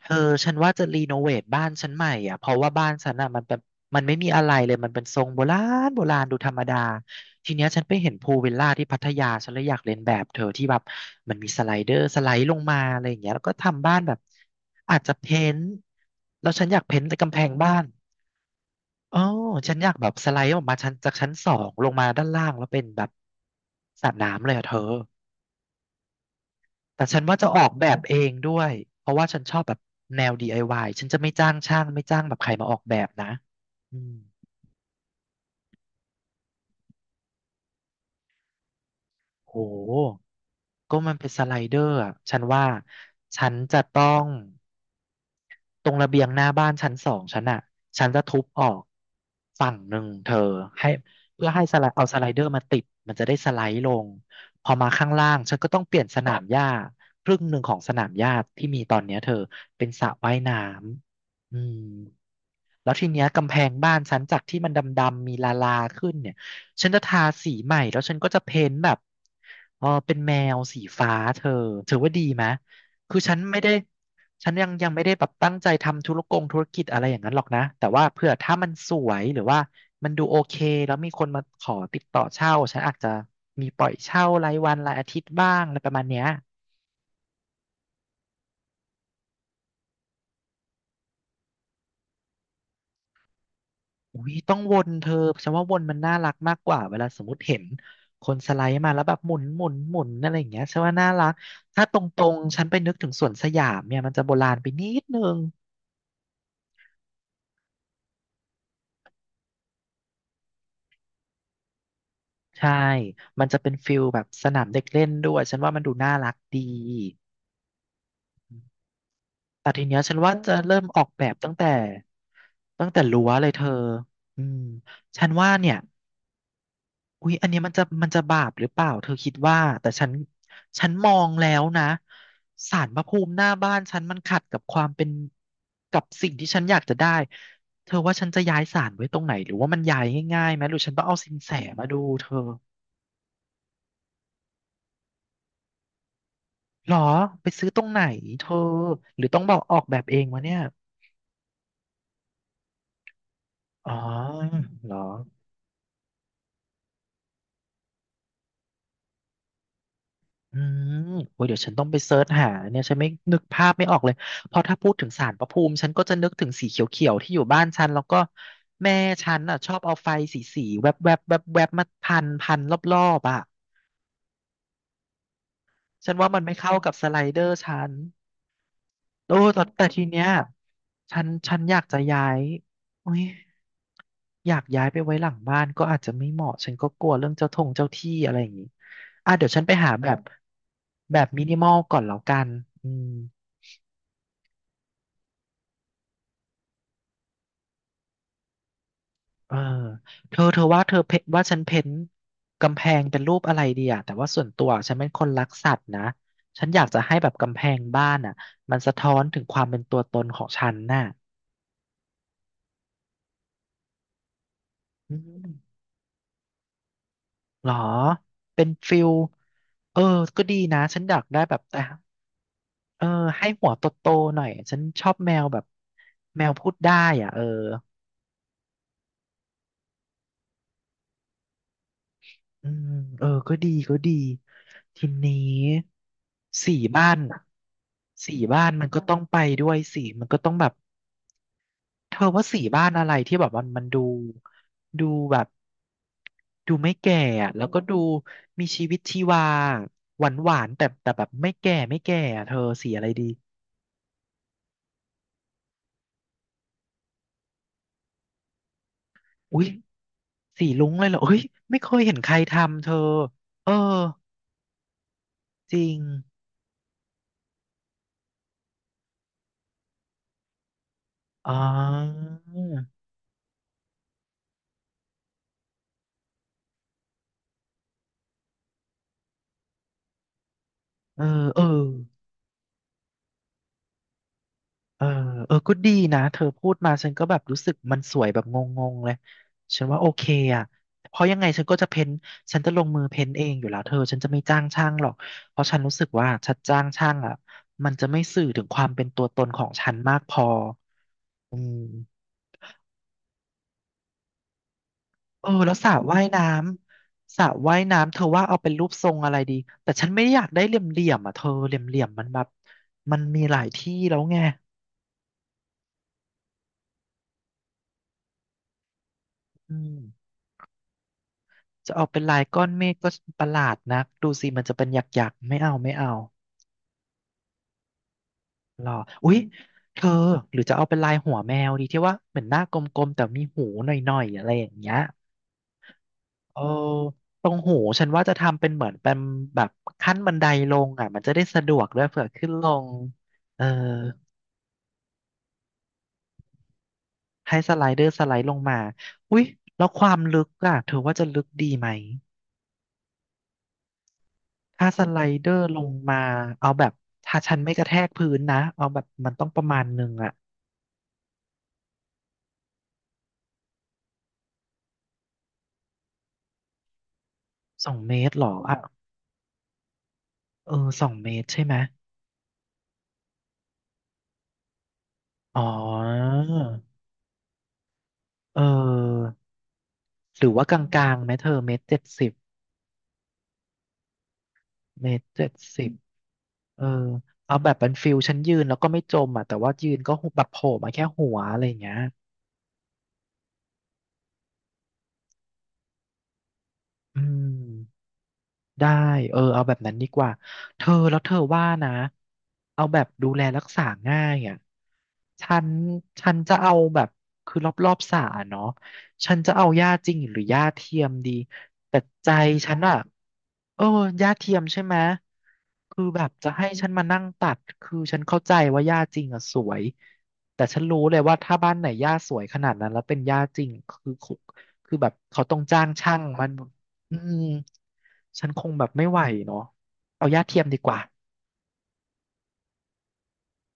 เธอฉันว่าจะรีโนเวทบ้านฉันใหม่อ่ะเพราะว่าบ้านฉันอ่ะมันเป็นมันไม่มีอะไรเลยมันเป็นทรงโบราณโบราณดูธรรมดาทีเนี้ยฉันไปเห็นพูลวิลล่าที่พัทยาฉันเลยอยากเลียนแบบเธอที่แบบมันมีสไลเดอร์สไลด์ลงมาอะไรอย่างเงี้ยแล้วก็ทำบ้านแบบอาจจะเพ้นท์แล้วฉันอยากเพ้นท์แต่กำแพงบ้านอ๋อฉันอยากแบบสไลด์ออกมาชั้นจากชั้นสองลงมาด้านล่างแล้วเป็นแบบสระน้ำเลยอ่ะเธอ แต่ฉันว่าจะออกแบบเองด้วย เพราะว่าฉันชอบแบบแนว DIY ฉันจะไม่จ้างช่างไม่จ้างแบบใครมาออกแบบนะอืมโหก็มันเป็นสไลเดอร์อะฉันว่าฉันจะต้องตรงระเบียงหน้าบ้านชั้นสองฉันอะฉันจะทุบออกฝั่งหนึ่งเธอให้เพื่อให้สไลด์เอาสไลเดอร์มาติดมันจะได้สไลด์ลงพอมาข้างล่างฉันก็ต้องเปลี่ยนสนามหญ้าครึ่งหนึ่งของสนามหญ้าที่มีตอนเนี้ยเธอเป็นสระว่ายน้ำอืม แล้วทีเนี้ยกำแพงบ้านฉันจากที่มันดำๆมีลาลาขึ้นเนี่ยฉันจะทาสีใหม่แล้วฉันก็จะเพ้นท์แบบเออเป็นแมวสีฟ้าเธอถือว่าดีไหมคือฉันไม่ได้ฉันยังไม่ได้แบบตั้งใจทำธุรกิจอะไรอย่างนั้นหรอกนะแต่ว่าเผื่อถ้ามันสวยหรือว่ามันดูโอเคแล้วมีคนมาขอติดต่อเช่าฉันอาจจะมีปล่อยเช่ารายวันรายอาทิตย์บ้างอะไรประมาณเนี้ย อุ้ยต้องวนเธอฉันว่าวนมันน่ารักมากกว่าเวลาสมมติเห็นคนสไลด์มาแล้วแบบหมุนหมุนหมุนอะไรอย่างเงี้ยฉันว่าน่ารักถ้าตรงๆฉันไปนึกถึงสวนสยามเนี่ยมันจะโบราณไปนิดนึงใช่มันจะเป็นฟิลแบบสนามเด็กเล่นด้วยฉันว่ามันดูน่ารักดีแต่ทีเนี้ยฉันว่าจะเริ่มออกแบบตั้งแต่รั้วเลยเธออืมฉันว่าเนี่ย อุ๊ยอันเนี้ยมันจะบาปหรือเปล่าเธอคิดว่าแต่ฉันมองแล้วนะศาลพระภูมิหน้าบ้านฉันมันขัดกับความเป็นกับสิ่งที่ฉันอยากจะได้เธอว่าฉันจะย้ายศาลไว้ตรงไหนหรือว่ามันย้ายง่ายๆไหมหรือฉันต้องเอาสินแสมาดูเธอหรอไปซื้อตรงไหนเธอหรือต้องบอกออกแบบเองวะเนี่ยอ๋อหรอ อืมโอ้ยเดี๋ยวฉันต้องไปเซิร์ชหาเนี่ยฉันไม่นึกภาพไม่ออกเลย เพราะถ้าพูดถึงศาลพระภูมิ ฉันก็จะนึกถึงสีเขียวๆที่อยู่บ้านฉัน แล้วก็แม่ฉันอ่ะชอบเอาไฟสีแวบๆแวบๆแวบๆมาพันรอบๆอ่ะ ฉันว่ามันไม่เข้ากับสไลเดอร์ฉัน โอ้แต่ทีเนี้ยฉันอยากจะย้ายโอ้ยอยากย้ายไปไว้หลังบ้านก็อาจจะไม่เหมาะ ฉันก็กลัวเรื่องเจ้าที่อะไรอย่างงี้อ่ะเดี๋ยวฉันไปหาแบบแบบมินิมอลก่อนแล้วกันอืม เออเธอว่าฉันเพ้นท์กำแพงเป็นรูปอะไรดีอะแต่ว่าส่วนตัวฉันเป็นคนรักสัตว์นะฉันอยากจะให้แบบกำแพงบ้านอ่ะมันสะท้อนถึงความเป็นตัวตนของฉันน่ะอืมหรอเป็นฟิลเออก็ดีนะฉันอยากได้แบบแต่เออให้หัวโตๆหน่อยฉันชอบแมวแบบแมวพูดได้อ่ะเออ อืมเออก็ดีก็ดีทีนี้สีบ้านอะสีบ้านมันก็ต้องไปด้วยสีมันก็ต้องแบบเธอว่าสีบ้านอะไรที่แบบมันดูดูแบบดูไม่แก่อะแล้วก็ดูมีชีวิตชีวาหวานหวานแต่แบบไม่แก่อะเธอสีอะไรดีอุ้ยสีลุ้งเลยเหรออุ้ยไม่เคยเห็นใครทำเธอเออจริงอ๋อเออเออ เออเออก็ดีนะเธอพูดมาฉันก็แบบรู้สึกมันสวยแบบงงๆเลยฉันว่าโอเคอ่ะเพราะยังไงฉันก็จะเพ้นฉันจะลงมือเพ้นเองอยู่แล้วเธอฉันจะไม่จ้างช่างหรอกเพราะฉันรู้สึกว่าฉันจ้างช่างอ่ะมันจะไม่สื่อถึงความเป็นตัวตนของฉันมากพออืมเออแล้วสระว่ายน้ำเธอว่าเอาเป็นรูปทรงอะไรดีแต่ฉันไม่ได้อยากได้เหลี่ยมๆอ่ะเธอเหลี่ยมๆมันแบบมันมีหลายที่แล้วไงอืม จะเอาเป็นลายก้อนเมฆก็ประหลาดนักดูสิมันจะเป็นหยักๆไม่เอาไม่เอาหรออุ๊ยเธอหรือจะเอาเป็นลายหัวแมวดีที่ว่าเหมือนหน้ากลมๆแต่มีหูหน่อยๆอะไรอย่างเงี้ยเออตรงหูฉันว่าจะทำเป็นเหมือนเป็นแบบขั้นบันไดลงอ่ะมันจะได้สะดวกด้วยเผื่อขึ้นลงเออให้สไลเดอร์สไลด์ลงมาอุ๊ยแล้วความลึกอ่ะเธอว่าจะลึกดีไหมถ้าสไลเดอร์ลงมาเอาแบบถ้าฉันไม่กระแทกพื้นนะเอาแบบมันต้องประมาณหนึ่งอ่ะ สองเมตรเหรอ อ่ะ เออ2 เมตรใช่ไหม อ๋อ เออ หรือว่ากลางๆไหมเธอเมตรเจ็ดสิบเมตรเจ็ดสิบเออ เอาแบบเป็นฟิลฉันยืนแล้วก็ไม่จมอ่ะแต่ว่ายืนก็แบบโผล่มาแค่หัวอะไรอย่างเงี้ย อืม ได้เออเอาแบบนั้นดีกว่าเธอแล้วเธอว่านะเอาแบบดูแลรักษาง่ายอ่ะฉันฉันจะเอาแบบคือรอบสระเนาะฉันจะเอาหญ้าจริงหรือหญ้าเทียมดีแต่ใจฉันอ่ะเออหญ้าเทียมใช่ไหมคือแบบจะให้ฉันมานั่งตัดคือฉันเข้าใจว่าหญ้าจริงอ่ะสวยแต่ฉันรู้เลยว่าถ้าบ้านไหนหญ้าสวยขนาดนั้นแล้วเป็นหญ้าจริงคือแบบเขาต้องจ้างช่างมันอืม ฉันคงแบบไม่ไหวเนาะเอาหญ้าเทียมดีกว่า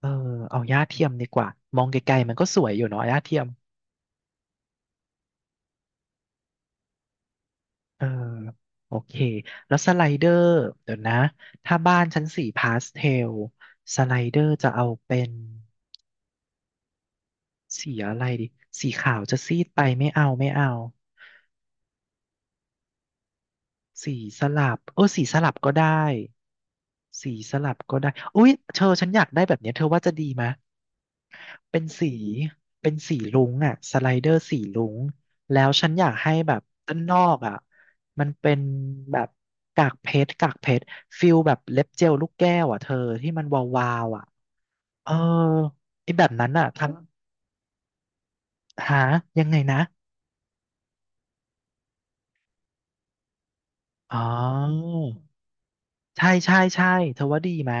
เออเอาหญ้าเทียมดีกว่ามองไกลๆมันก็สวยอยู่เนาะหญ้าเทียมเออโอเคแล้วสไลเดอร์เดี๋ยวนะถ้าบ้านชั้นสีพาสเทลสไลเดอร์จะเอาเป็นสีอะไรดีสีขาวจะซีดไปไม่เอาไม่เอาสีสลับเออสีสลับก็ได้สีสลับก็ได้อุ๊ยเธอฉันอยากได้แบบเนี้ยเธอว่าจะดีไหม เป็นสี เป็นสีรุ้งอ่ะสไลเดอร์สีรุ้ง แล้วฉันอยากให้แบบด้านนอกอ่ะมันเป็นแบบกากเพชรฟิลแบบเล็บเจลลูกแก้วอ่ะเธอที่มันวาวๆอ่ะเออไอ้แบบนั้นอ่ะทั้งหายังไงนะอ๋อใช่ใช่ใช่เธอว่าดีไหม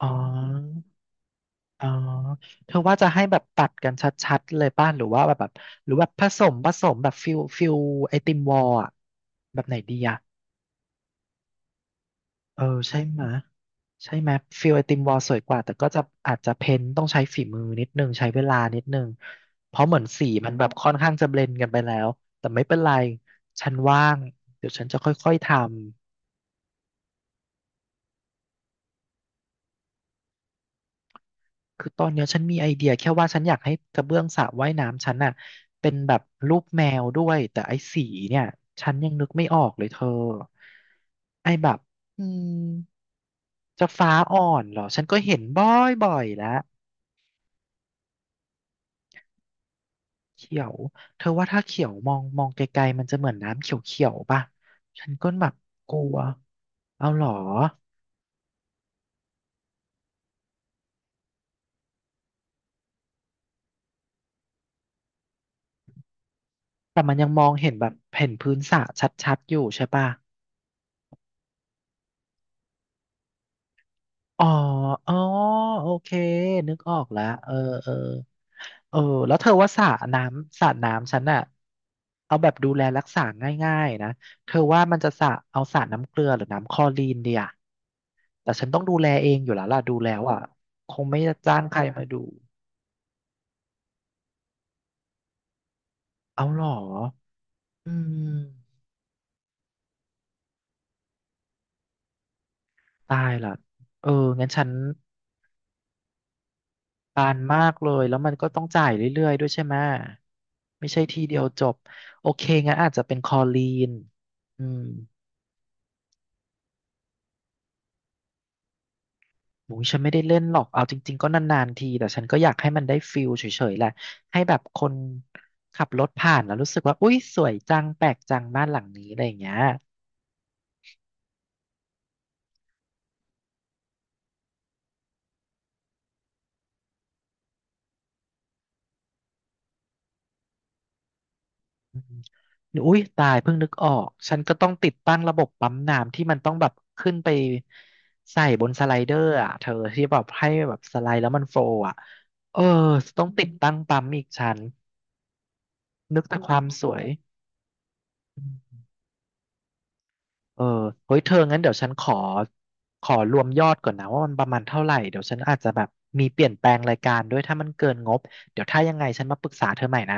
อ๋ออ๋อเธอว่าจะให้แบบตัดกันชัดๆเลยป่ะหรือว่าแบบหรือแบบผสมแบบฟิลไอติมวอลอะแบบไหนดีอะ เออใช่ไหมะใช่ไหมยฟิลไอติมวอลสวยกว่าแต่ก็จะอาจจะเพ้นท์ต้องใช้ฝีมือนิดนึงใช้เวลานิดนึงเพราะเหมือนสีมันแบบค่อนข้างจะเบลนด์กันไปแล้วแต่ไม่เป็นไรฉันว่างเดี๋ยวฉันจะค่อยๆทำคือตอนเนี้ยฉันมีไอเดียแค่ว่าฉันอยากให้กระเบื้องสระว่ายน้ำฉันน่ะเป็นแบบรูปแมวด้วยแต่ไอ้สีเนี่ยฉันยังนึกไม่ออกเลยเธอไอ้แบบอืมจะฟ้าอ่อนเหรอฉันก็เห็นบ่อยๆแล้ว เขียวเธอว่าถ้าเขียวมองไกลๆมันจะเหมือนน้ำเขียวๆป่ะฉันก็แบบกลัวเอาหรอแต่มันยังมองเห็นแบบเห็นพื้นสระชัดๆอยู่ใช่ป่ะอ๋ออ๋อโอเคนึกออกแล้วเออเออเออแล้วเธอว่าสระน้ำฉันอะเอาแบบดูแลรักษาง่ายๆนะเธอว่ามันจะสระเอาสระน้ำเกลือหรือน้ำคลอรีนเดียแต่ฉันต้องดูแลเองอยู่แล้วล่ะดูแล้วอ่ะคงไม่จ้างใครมาดูเอาหรอ อืมตายละเออ งั้นฉันปานมากเลย แล้วมันก็ต้องจ่ายเรื่อยๆด้วยใช่ไหม ไม่ใช่ทีเดียวจบ โอเคงั้นอาจจะเป็นคอลีน อืมหมูฉันไม่ได้เล่นหรอก เอาจริงๆก็นานๆที แต่ฉันก็อยากให้มันได้ฟิลเฉยๆแหละให้แบบคนขับรถผ่านแล้วรู้สึกว่า อุ๊ยสวยจัง แปลกจังบ้านหลังนี้อะไรอย่างเงี้ย อุ้ยตายเพิ่งนึกออกฉันก็ต้องติดตั้งระบบปั๊มน้ำที่มันต้องแบบขึ้นไปใส่บนสไลเดอร์อ่ะเธอที่แบบให้แบบสไลด์แล้วมันโฟลว์อ่ะเออต้องติดตั้งปั๊มอีกชั้นนึกแต่ความสวยเออเฮ้ยเธองั้นเดี๋ยวฉันขอรวมยอดก่อนนะว่ามันประมาณเท่าไหร่เดี๋ยวฉันอาจจะแบบมีเปลี่ยนแปลงรายการด้วยถ้ามันเกินงบเดี๋ยวถ้ายังไงฉันมาปรึกษาเธอใหม่นะ